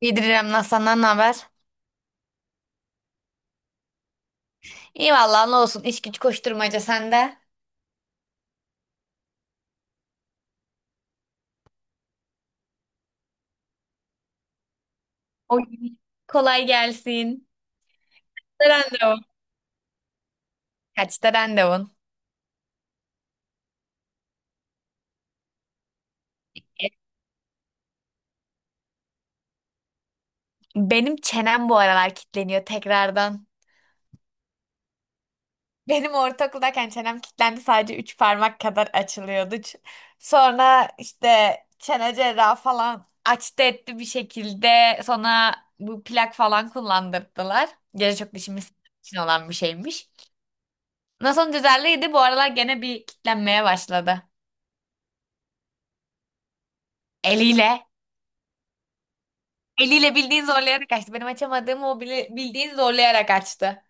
İyidir İrem Naz, senden ne haber? İyi vallahi ne olsun, iş güç koşturmaca sende. O kolay gelsin. Randevu. Kaçta randevun? E, Benim çenem bu aralar kilitleniyor tekrardan. Benim ortaokuldayken çenem kilitlendi, sadece 3 parmak kadar açılıyordu. Sonra işte çene cerrahı falan açtı etti bir şekilde. Sonra bu plak falan kullandırdılar. Gece çok dişimiz için olan bir şeymiş. Nasıl sonra bu aralar gene bir kilitlenmeye başladı. Eliyle. Eliyle bildiğin zorlayarak açtı. Benim açamadığım, o bildiğin zorlayarak açtı.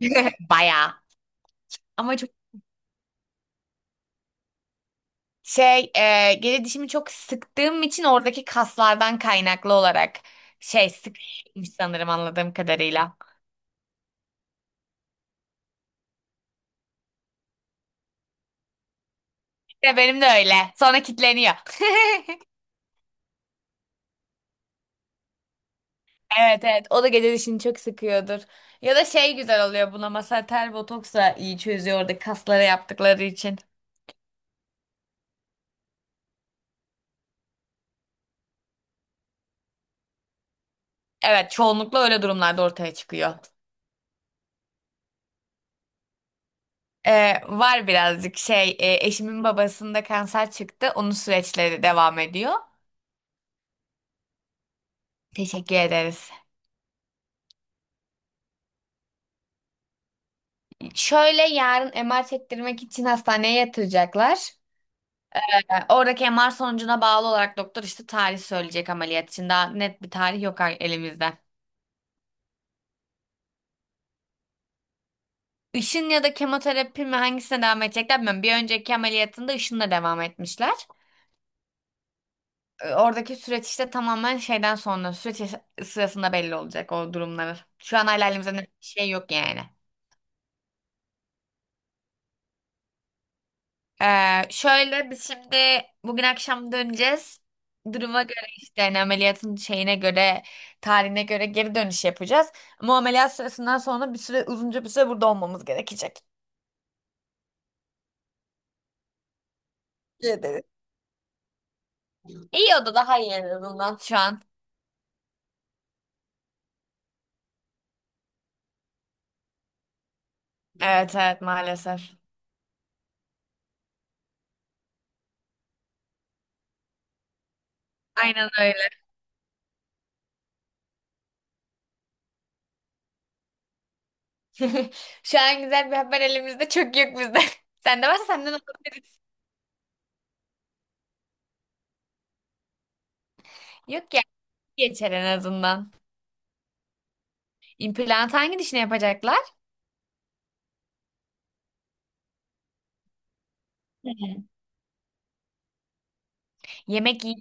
Bayağı. Ama çok geri dişimi çok sıktığım için oradaki kaslardan kaynaklı olarak şey sıkmış sanırım, anladığım kadarıyla. İşte benim de öyle. Sonra kitleniyor. Evet, o da gece dişini çok sıkıyordur. Ya da şey güzel oluyor buna. Mesela tel botoks iyi çözüyor, orada kaslara yaptıkları için. Evet, çoğunlukla öyle durumlarda ortaya çıkıyor. Var birazcık, eşimin babasında kanser çıktı. Onun süreçleri devam ediyor. Teşekkür ederiz. Şöyle, yarın MR çektirmek için hastaneye yatıracaklar. Oradaki MR sonucuna bağlı olarak doktor işte tarih söyleyecek ameliyat için. Daha net bir tarih yok elimizde. Işın ya da kemoterapi mi, hangisine devam edecekler bilmiyorum. Bir önceki ameliyatında ışınla devam etmişler. Oradaki süreç işte tamamen şeyden sonra, süreç sırasında belli olacak o durumları. Şu an hala elimizde net bir şey yok yani. Şöyle, biz şimdi bugün akşam döneceğiz. Duruma göre işte, yani ameliyatın şeyine göre, tarihine göre geri dönüş yapacağız. Ama ameliyat sırasından sonra bir süre, uzunca bir süre burada olmamız gerekecek. Teşekkür ederim. İyi oldu, daha iyi en azından şu an. Evet, maalesef. Aynen öyle. Şu an güzel bir haber elimizde çok yok bizde. Sende varsa senden alabiliriz. Yok ya, geçer en azından. İmplant hangi dişine yapacaklar? Hı. Yemek yiyip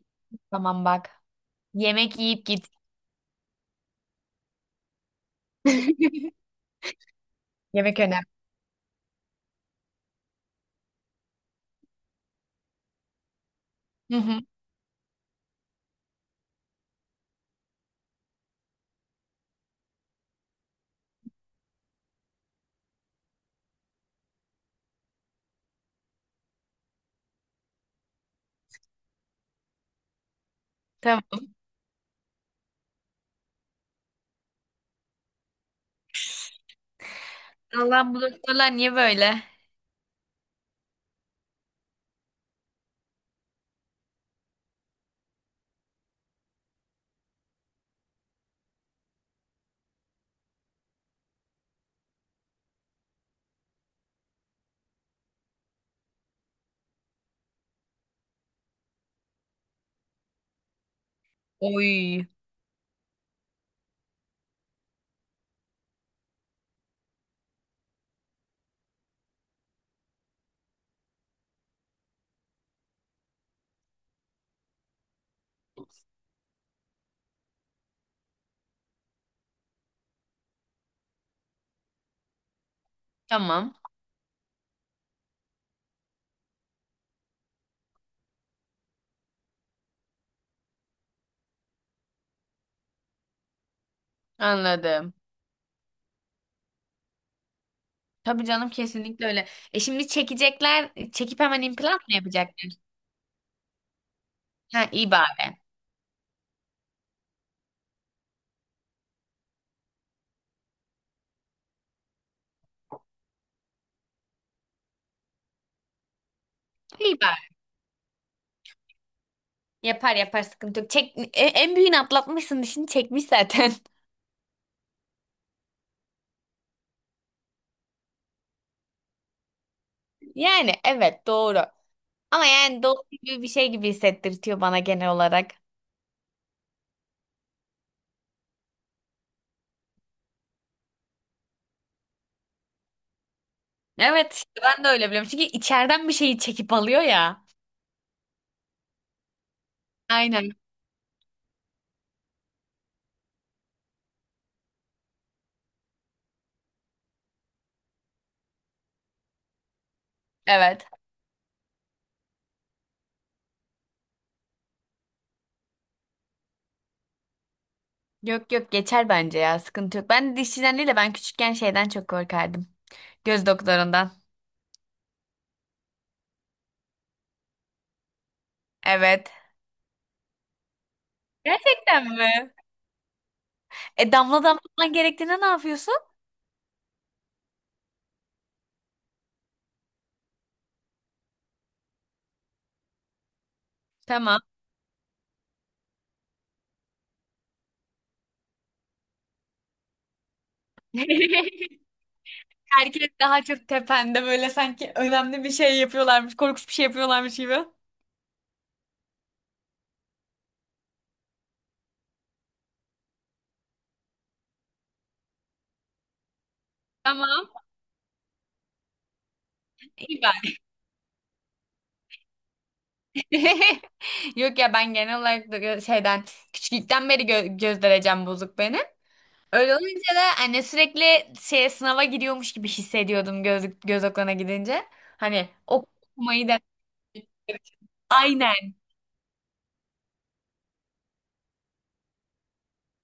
tamam bak. Yemek yiyip git. Yemek önemli. Hı hı. Tamam. Allah, bu doktorlar niye böyle? Oy. Tamam. Anladım. Tabii canım, kesinlikle öyle. E şimdi çekecekler. Çekip hemen implant mı yapacaklar? Ha, iyi bari. İyi bari. Yapar yapar, sıkıntı yok. Çek, en büyüğünü atlatmışsın, dişini çekmiş zaten. Yani evet, doğru. Ama yani doğru gibi bir şey gibi hissettirtiyor bana genel olarak. Evet işte, ben de öyle biliyorum. Çünkü içeriden bir şeyi çekip alıyor ya. Aynen. Evet. Yok yok, geçer bence ya, sıkıntı yok. Ben dişçiden değil de, ben küçükken şeyden çok korkardım. Göz doktorundan. Evet. Gerçekten mi? E damla damlatman gerektiğinde ne yapıyorsun? Tamam. Herkes daha çok tepende böyle, sanki önemli bir şey yapıyorlarmış, korkunç bir şey yapıyorlarmış gibi. Tamam, iyi bari. Yok ya, ben genel olarak da şeyden, küçüklükten beri göz derecem bozuk benim. Öyle olunca da anne sürekli şeye, sınava gidiyormuş gibi hissediyordum göz, göz okuluna gidince. Hani ok Okumayı da aynen.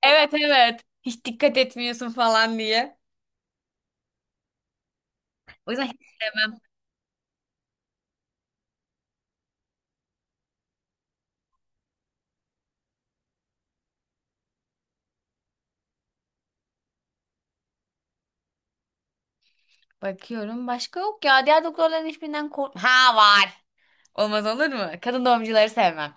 Evet. hiç dikkat etmiyorsun falan diye. O yüzden hiç sevmem. Bakıyorum başka yok ya. Diğer doktorların hiçbirinden kork... Ha var. Olmaz olur mu? Kadın doğumcuları sevmem.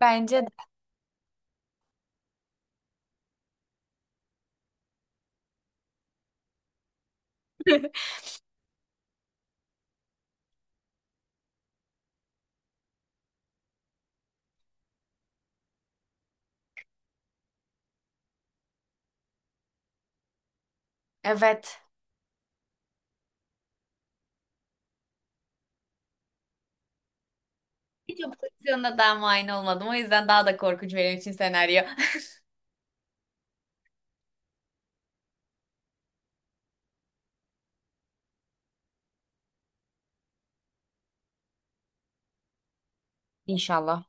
Bence de. Evet. Hiç o pozisyonda daha muayene olmadım. O yüzden daha da korkunç benim için senaryo. İnşallah.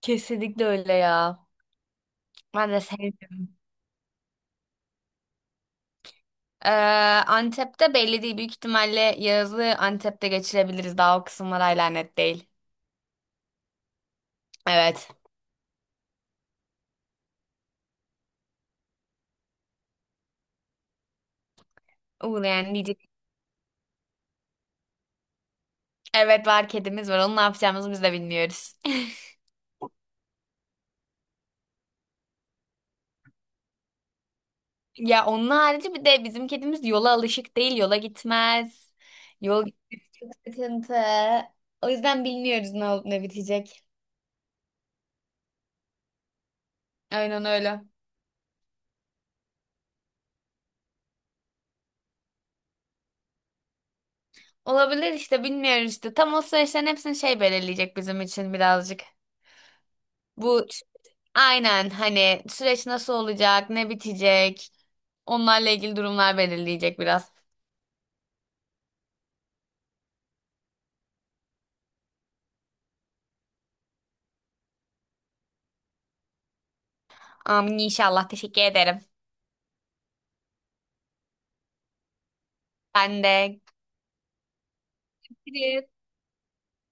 Kesinlikle öyle ya. Ben de sevmiyorum. Ee, Antep'te belli değil. Büyük ihtimalle yazı Antep'te geçirebiliriz. Daha o kısımlar hala net değil. Evet. Uğrayan diyecek. Evet var, kedimiz var. Onu ne yapacağımızı biz de bilmiyoruz. Ya onun harici bir de bizim kedimiz yola alışık değil. Yola gitmez. Yol gitmesi çok sıkıntı. O yüzden bilmiyoruz ne olup ne bitecek. Aynen öyle. Olabilir işte, bilmiyoruz işte. Tam o süreçlerin hepsini şey belirleyecek bizim için birazcık. Bu aynen, hani süreç nasıl olacak, ne bitecek, onlarla ilgili durumlar belirleyecek biraz. Amin inşallah. Teşekkür ederim. Ben de. Görüşürüz.